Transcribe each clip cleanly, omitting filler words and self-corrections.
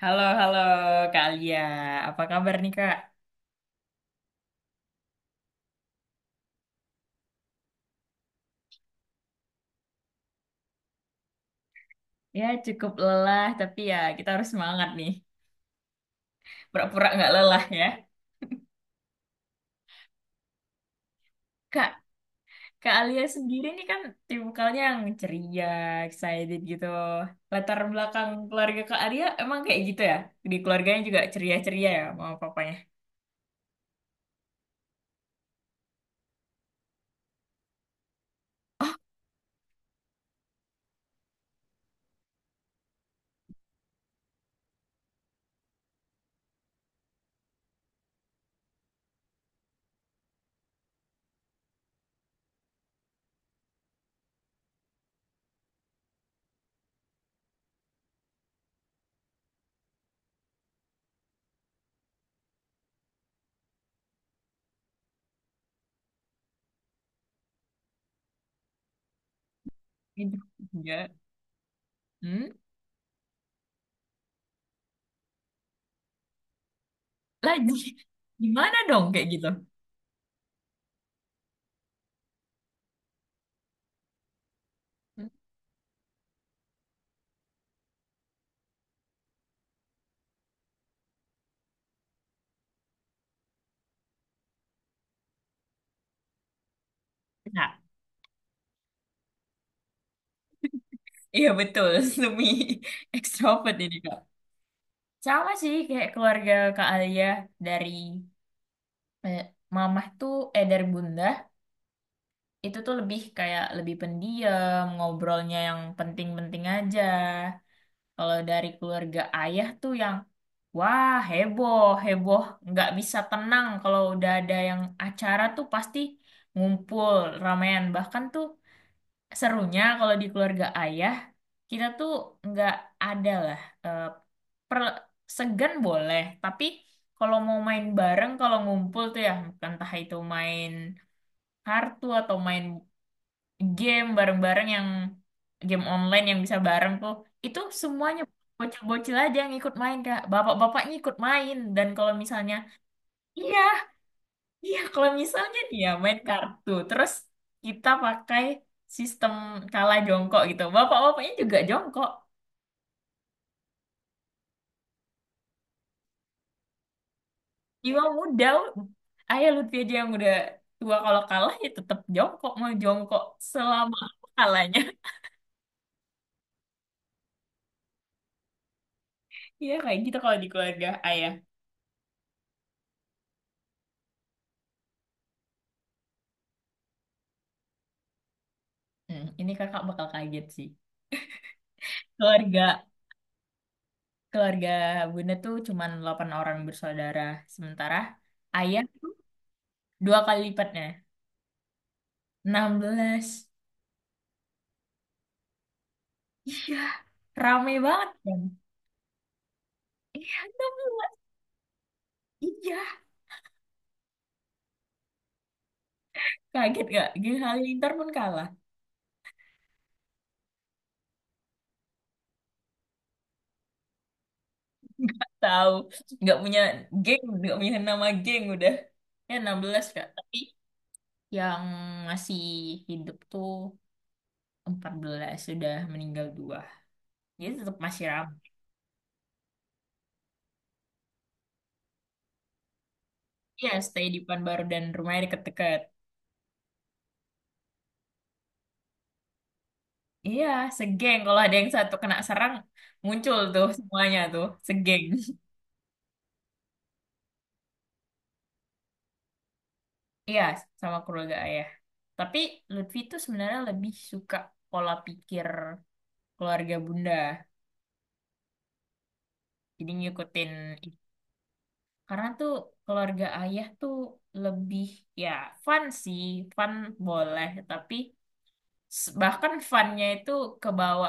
Halo, halo Kak Alia. Apa kabar nih Kak? Ya cukup lelah, tapi ya kita harus semangat nih. Pura-pura nggak lelah ya. Kak, Kak Alia sendiri nih kan tipikalnya yang ceria, excited gitu. Latar belakang keluarga Kak Alia emang kayak gitu ya? Di keluarganya juga ceria-ceria ya mama papanya? Gitu. Iya. Hmm? Lagi. Gimana dong kayak gitu? Nah, iya betul, semi ekstrovert ini Kak. Sama sih kayak keluarga Kak Alia dari Eh, Mamah tuh eh dari bunda itu tuh lebih kayak lebih pendiam, ngobrolnya yang penting-penting aja. Kalau dari keluarga ayah tuh yang wah, heboh heboh, nggak bisa tenang kalau udah ada yang acara tuh pasti ngumpul ramean. Bahkan tuh serunya kalau di keluarga ayah, kita tuh nggak ada lah eh, per- segan boleh tapi kalau mau main bareng, kalau ngumpul tuh ya entah itu main kartu atau main game bareng-bareng, yang game online yang bisa bareng tuh itu semuanya bocil-bocil aja yang ikut main Kak, bapak-bapaknya ikut main. Dan kalau misalnya iya, iya kalau misalnya dia main kartu terus kita pakai sistem kalah jongkok gitu, bapak-bapaknya juga jongkok. Jiwa muda, ayah Lutfi aja yang udah tua, kalau kalah ya tetap jongkok, mau jongkok selama kalahnya. Iya kayak gitu kalau di keluarga ayah. Hmm, ini kakak bakal kaget sih. Keluarga keluarga Bunda tuh cuman 8 orang bersaudara. Sementara ayah dua kali lipatnya. 16. Iya, rame banget kan? Iya, 16. Iya, kaget gak? Geng Halilintar pun kalah. Gak tahu. Gak punya geng, gak punya nama geng udah. Ya 16 Kak. Tapi yang masih hidup tuh 14, sudah meninggal dua. Jadi tetap masih ramai. Iya, stay di Pekanbaru dan rumahnya deket-deket. Iya, segeng. Kalau ada yang satu kena serang, muncul tuh semuanya tuh, segeng. Iya, sama keluarga ayah. Tapi Lutfi tuh sebenarnya lebih suka pola pikir keluarga bunda. Jadi ngikutin itu. Karena tuh keluarga ayah tuh lebih, ya fun sih, fun boleh. Tapi bahkan funnya itu kebawa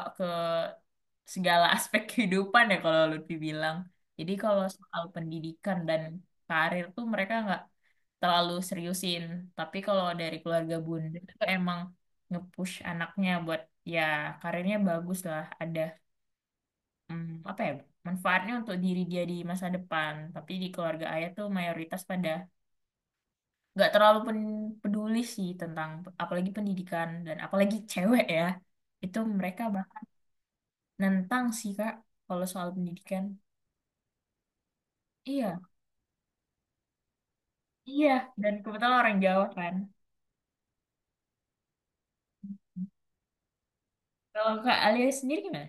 segala aspek kehidupan ya kalau Lutfi bilang. Jadi kalau soal pendidikan dan karir tuh mereka nggak terlalu seriusin. Tapi kalau dari keluarga Bunda tuh emang nge-push anaknya buat ya karirnya bagus lah. Ada apa ya, manfaatnya untuk diri dia di masa depan. Tapi di keluarga ayah tuh mayoritas pada nggak terlalu peduli sih tentang, apalagi pendidikan dan apalagi cewek ya. Itu mereka nentang sih Kak kalau soal pendidikan. Iya. Iya, dan kebetulan orang Jawa kan. Kalau Kak Alia sendiri gimana?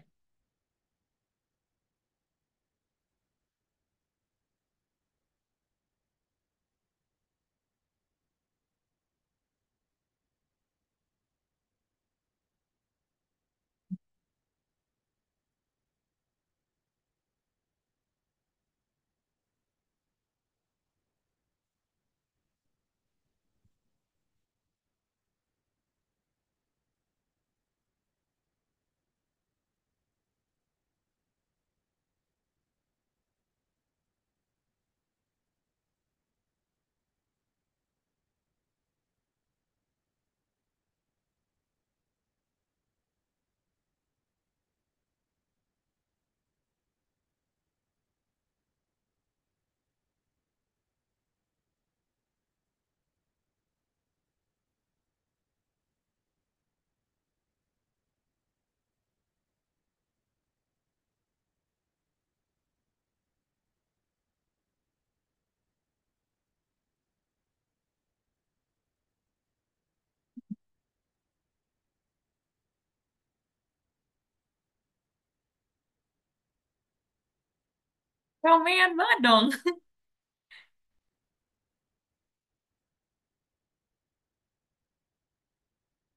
Ramean banget dong.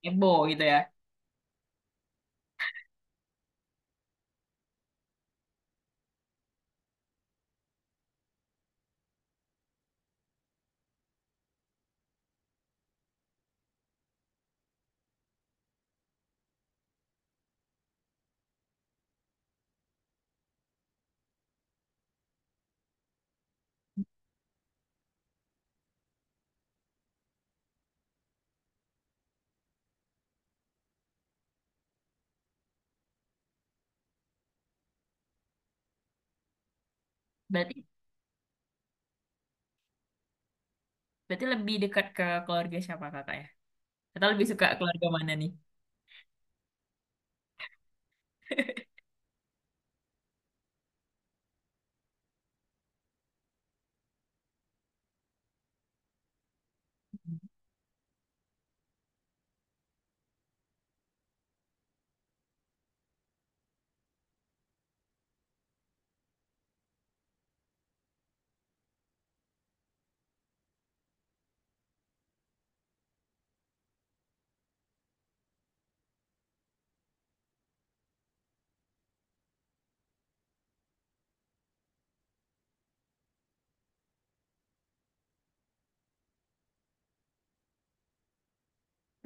Ebo gitu ya. Berarti berarti lebih dekat ke keluarga siapa kakak ya? Atau lebih suka keluarga mana nih?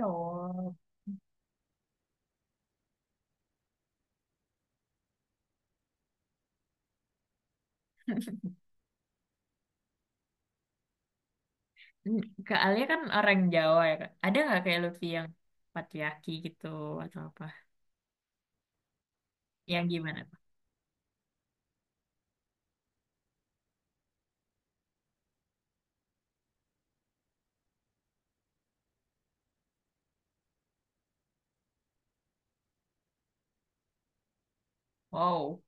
Oh. Kak Alia kan orang Jawa ya Kak. Ada nggak kayak Lutfi yang patriarki gitu atau apa? Yang gimana, Kak? Wow.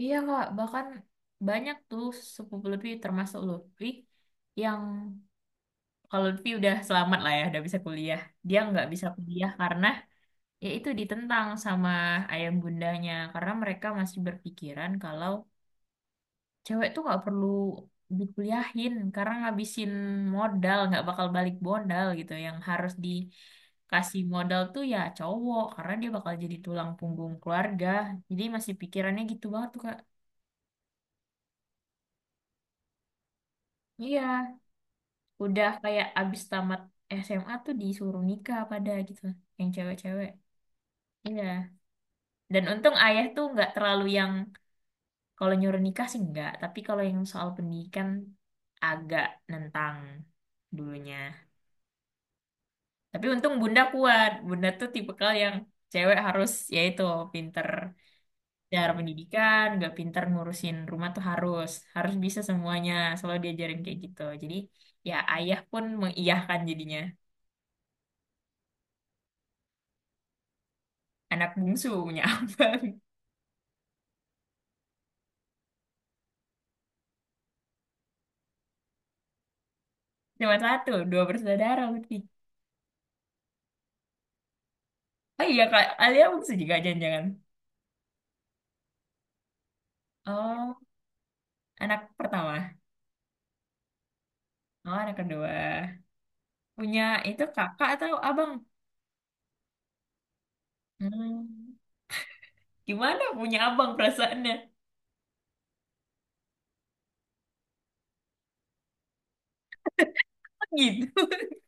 Iya Kak, bahkan banyak tuh sepupu Lutfi, termasuk Lutfi yang, kalau Lutfi udah selamat lah ya, udah bisa kuliah. Dia nggak bisa kuliah karena ya itu, ditentang sama ayah bundanya karena mereka masih berpikiran kalau cewek tuh nggak perlu dikuliahin, karena ngabisin modal nggak bakal balik modal gitu. Yang harus dikasih modal tuh ya cowok, karena dia bakal jadi tulang punggung keluarga. Jadi masih pikirannya gitu banget tuh Kak. Iya, udah kayak abis tamat SMA tuh disuruh nikah pada gitu yang cewek-cewek. Iya, dan untung ayah tuh nggak terlalu yang, kalau nyuruh nikah sih enggak, tapi kalau yang soal pendidikan agak nentang dulunya. Tapi untung bunda kuat. Bunda tuh tipikal yang cewek harus, yaitu pinter cara pendidikan, nggak pinter ngurusin rumah tuh harus harus bisa semuanya. Selalu diajarin kayak gitu. Jadi ya ayah pun mengiyahkan jadinya. Anak bungsu, punya abang. Cuma satu, dua bersaudara berarti. Oh iya, Kak, Alia bungsu juga jangan-jangan. Oh, anak pertama. Oh, anak kedua. Punya itu kakak atau abang? Hmm, gimana punya abang perasaannya? Oh, gitu.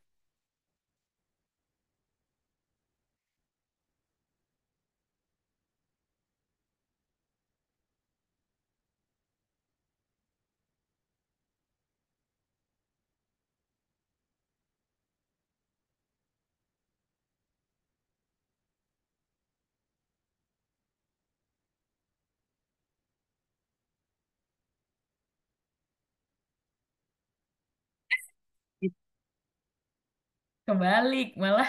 Kebalik, malah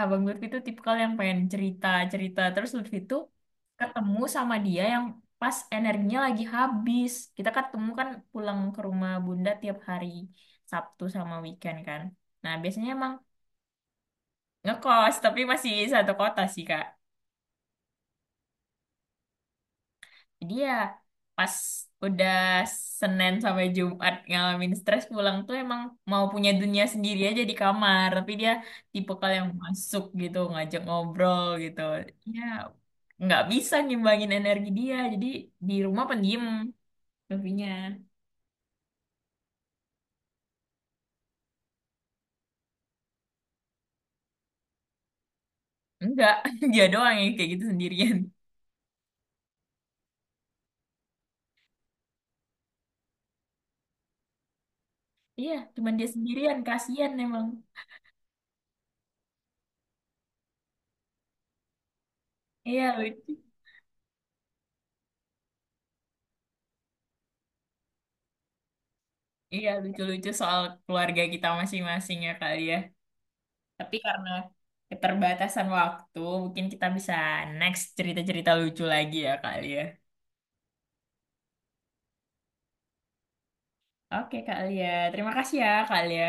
abang Lutfi itu tipikal yang pengen cerita-cerita. Terus Lutfi itu ketemu sama dia yang pas energinya lagi habis. Kita ketemu kan pulang ke rumah bunda tiap hari Sabtu sama weekend kan. Nah, biasanya emang ngekos, tapi masih satu kota sih, Kak. Jadi ya pas udah Senin sampai Jumat ngalamin stres pulang tuh emang mau punya dunia sendiri aja di kamar. Tapi dia tipe kalau yang masuk gitu, ngajak ngobrol gitu. Ya nggak bisa ngimbangin energi dia. Jadi di rumah pendiam tapinya. Enggak, dia doang yang kayak gitu sendirian. Iya, cuman dia sendirian. Kasian emang. Iya lucu. Iya, lucu-lucu soal keluarga kita masing-masing ya kali ya. Tapi karena keterbatasan waktu, mungkin kita bisa next cerita-cerita lucu lagi ya, Kak Lia. Oke, Kak Lia. Terima kasih ya, Kak Lia.